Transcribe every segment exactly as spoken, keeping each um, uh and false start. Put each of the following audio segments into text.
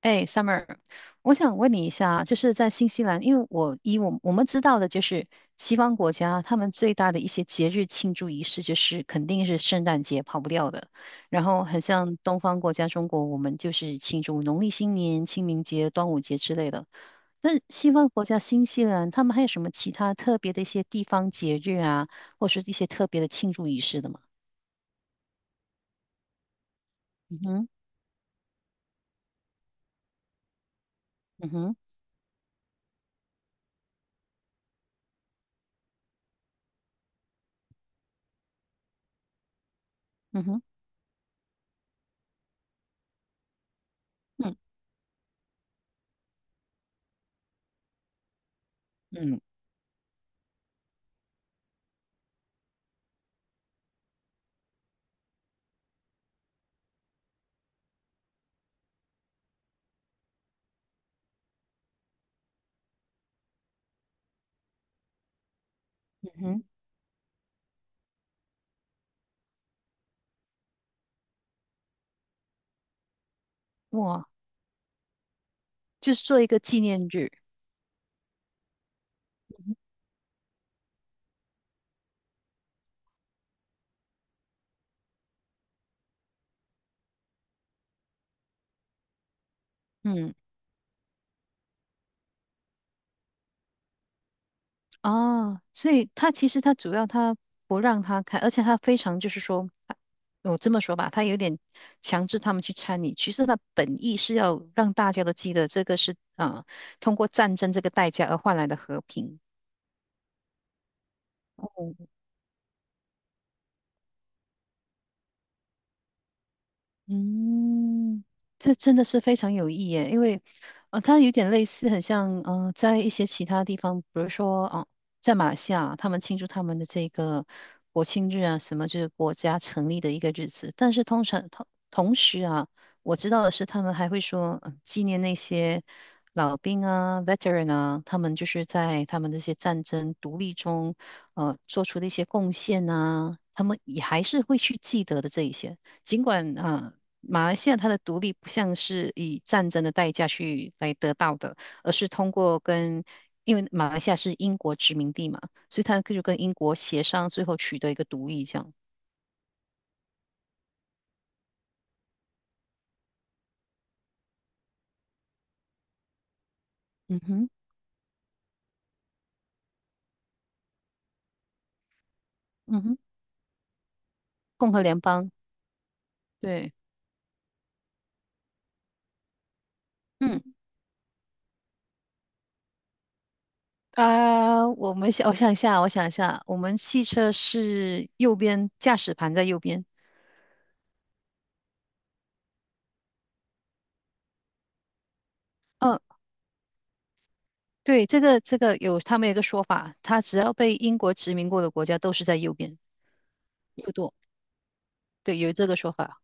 哎，Summer，我想问你一下，就是在新西兰，因为我以我我们知道的，就是西方国家他们最大的一些节日庆祝仪式，就是肯定是圣诞节跑不掉的。然后很像东方国家中国，我们就是庆祝农历新年、清明节、端午节之类的。那西方国家新西兰，他们还有什么其他特别的一些地方节日啊，或是一些特别的庆祝仪式的吗？嗯哼。嗯哼。嗯哼。嗯嗯。嗯哼。哇，就是做一个纪念日。嗯。哦，所以他其实他主要他不让他看，而且他非常就是说，我这么说吧，他有点强制他们去参与。其实他本意是要让大家都记得这个是啊、呃通过战争这个代价而换来的和平。嗯，这真的是非常有意义耶，因为呃，它有点类似，很像，嗯，在一些其他地方，比如说，啊、在马来西亚他们庆祝他们的这个国庆日啊，什么就是国家成立的一个日子，但是通常同同时啊，我知道的是，他们还会说，呃纪念那些老兵啊、veteran 啊，他们就是在他们这些战争独立中，呃，做出的一些贡献啊，他们也还是会去记得的这一些。尽管啊、呃马来西亚它的独立不像是以战争的代价去来得到的，而是通过跟，因为马来西亚是英国殖民地嘛，所以它就跟英国协商，最后取得一个独立，这样。嗯哼。嗯哼。共和联邦。对。嗯啊、我们想，我想一下，我想一下，我们汽车是右边，驾驶盘在右边。嗯，对，这个这个有他们有一个说法，它只要被英国殖民过的国家都是在右边右舵，对，有这个说法。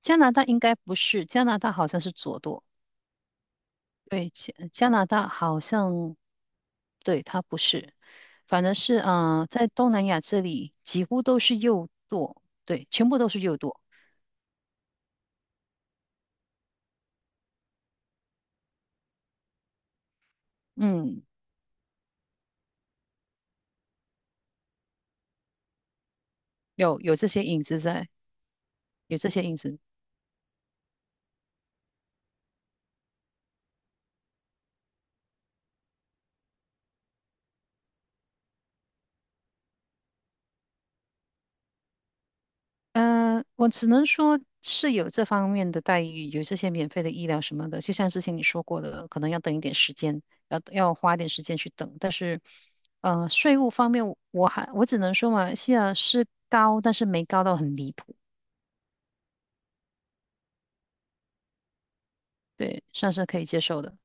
加拿大应该不是，加拿大好像是左舵，对，加加拿大好像，对，它不是，反正是啊、呃在东南亚这里几乎都是右舵，对，全部都是右舵。嗯，有有这些影子在，有这些影子。嗯，我只能说是有这方面的待遇，有这些免费的医疗什么的。就像之前你说过的，可能要等一点时间，要要花一点时间去等。但是，呃，税务方面，我还我只能说马来西亚是高，但是没高到很离谱，对，算是可以接受的。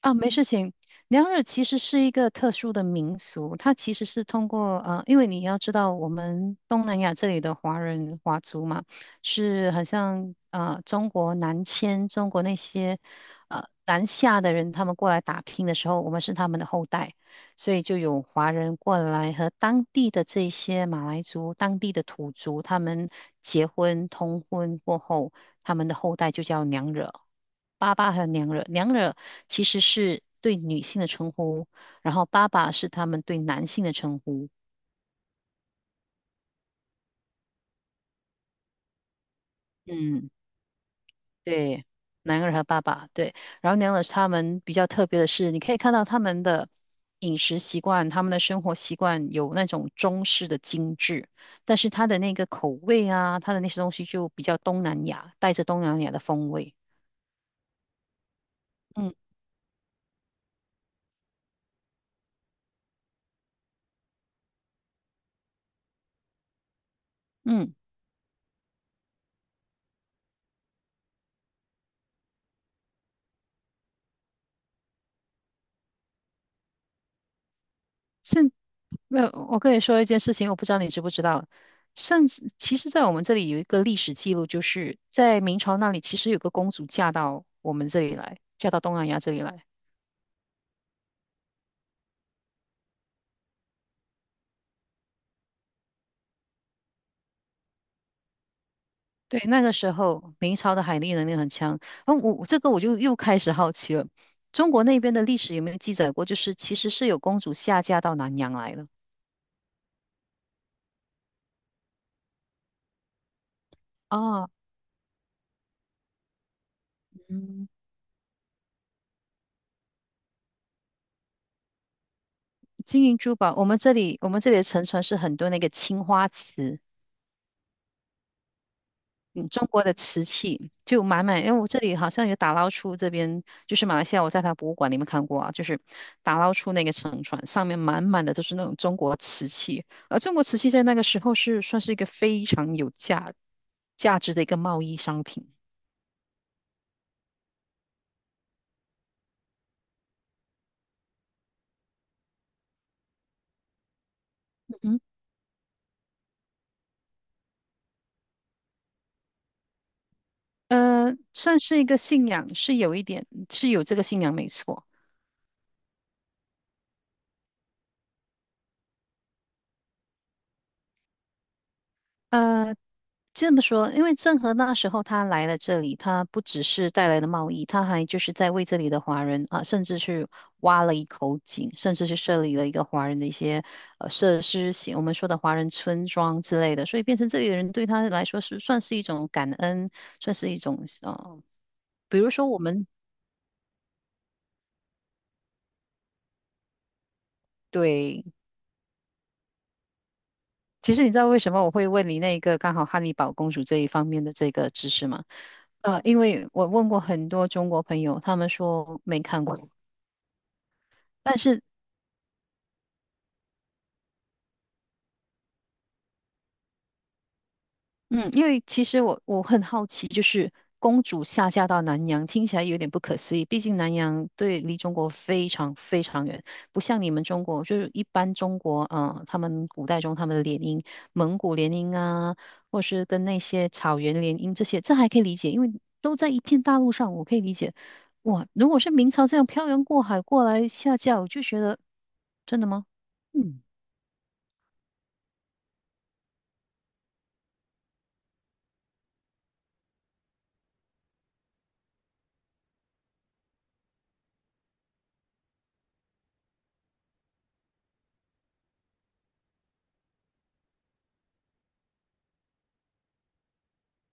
啊，没事情。娘惹其实是一个特殊的民俗，它其实是通过呃，因为你要知道，我们东南亚这里的华人华族嘛，是好像呃中国南迁，中国那些呃南下的人，他们过来打拼的时候，我们是他们的后代，所以就有华人过来和当地的这些马来族、当地的土族，他们结婚通婚过后，他们的后代就叫娘惹。爸爸还有娘惹，娘惹其实是对女性的称呼，然后爸爸是他们对男性的称呼。嗯，对，男儿和爸爸，对，然后娘惹他们比较特别的是，你可以看到他们的饮食习惯、他们的生活习惯有那种中式的精致，但是他的那个口味啊，他的那些东西就比较东南亚，带着东南亚的风味。嗯。嗯。甚没有，我跟你说一件事情，我不知道你知不知道。甚至，其实，在我们这里有一个历史记录，就是在明朝那里，其实有个公主嫁到我们这里来，嫁到东南亚这里来。对，那个时候明朝的海力能力很强。然后我这个我就又开始好奇了，中国那边的历史有没有记载过，就是其实是有公主下嫁到南洋来的啊？嗯，金银珠宝，我们这里我们这里的沉船是很多那个青花瓷。嗯，中国的瓷器就满满，因为我这里好像有打捞出这边，就是马来西亚，我在他博物馆里面看过啊，就是打捞出那个沉船，上面满满的都是那种中国瓷器，而中国瓷器在那个时候是算是一个非常有价价值的一个贸易商品。嗯，呃，算是一个信仰，是有一点是有这个信仰没错，呃，这么说，因为郑和那时候他来了这里，他不只是带来的贸易，他还就是在为这里的华人啊，甚至去挖了一口井，甚至是设立了一个华人的一些呃设施型，我们说的华人村庄之类的，所以变成这里的人对他来说是算是一种感恩，算是一种呃，比如说我们对，其实你知道为什么我会问你那个刚好汉尼堡公主这一方面的这个知识吗？呃，因为我问过很多中国朋友，他们说没看过。但是嗯，因为其实我我很好奇，就是公主下嫁到南洋，听起来有点不可思议。毕竟南洋对离中国非常非常远，不像你们中国，就是一般中国，呃，他们古代中他们的联姻，蒙古联姻啊，或是跟那些草原联姻这些，这还可以理解，因为都在一片大陆上，我可以理解。哇，如果是明朝这样漂洋过海过来下嫁，我就觉得真的吗？嗯。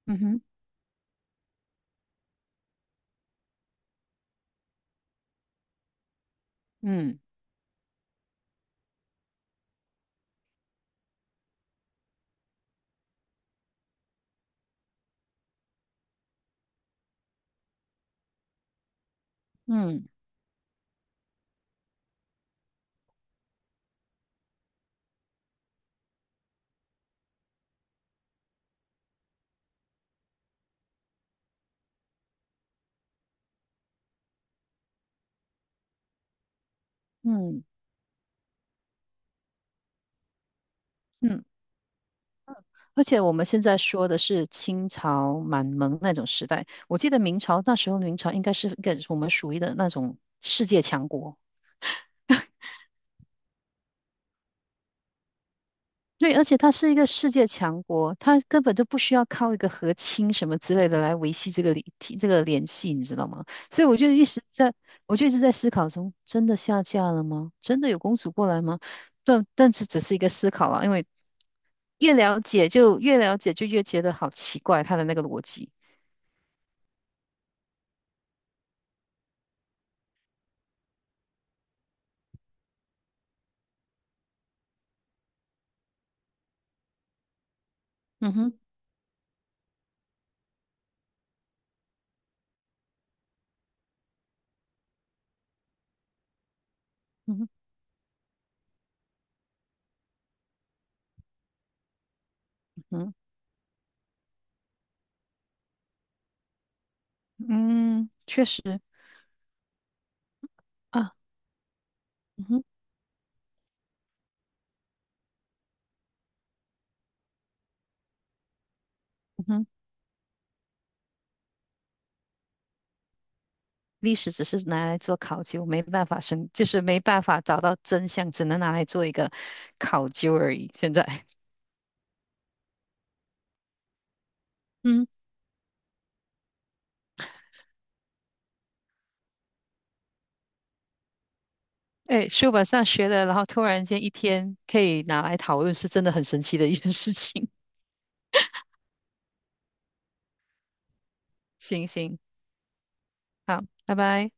嗯哼。嗯嗯嗯嗯，而且我们现在说的是清朝满蒙那种时代，我记得明朝那时候，明朝应该是跟我们属于的那种世界强国。对，而且它是一个世界强国，它根本就不需要靠一个和亲什么之类的来维系这个联这个联系，你知道吗？所以我就一直在，我就一直在思考中，真的下嫁了吗？真的有公主过来吗？但但这只是一个思考啊，因为越了解就越了解，就越觉得好奇怪，它的那个逻辑。嗯哼。嗯哼。嗯哼。嗯，确实啊。嗯哼。嗯哼。历史只是拿来做考究，没办法生，就是没办法找到真相，只能拿来做一个考究而已。现在 嗯，哎，书本上学的，然后突然间一天可以拿来讨论，是真的很神奇的一件事情。行行，好，拜拜。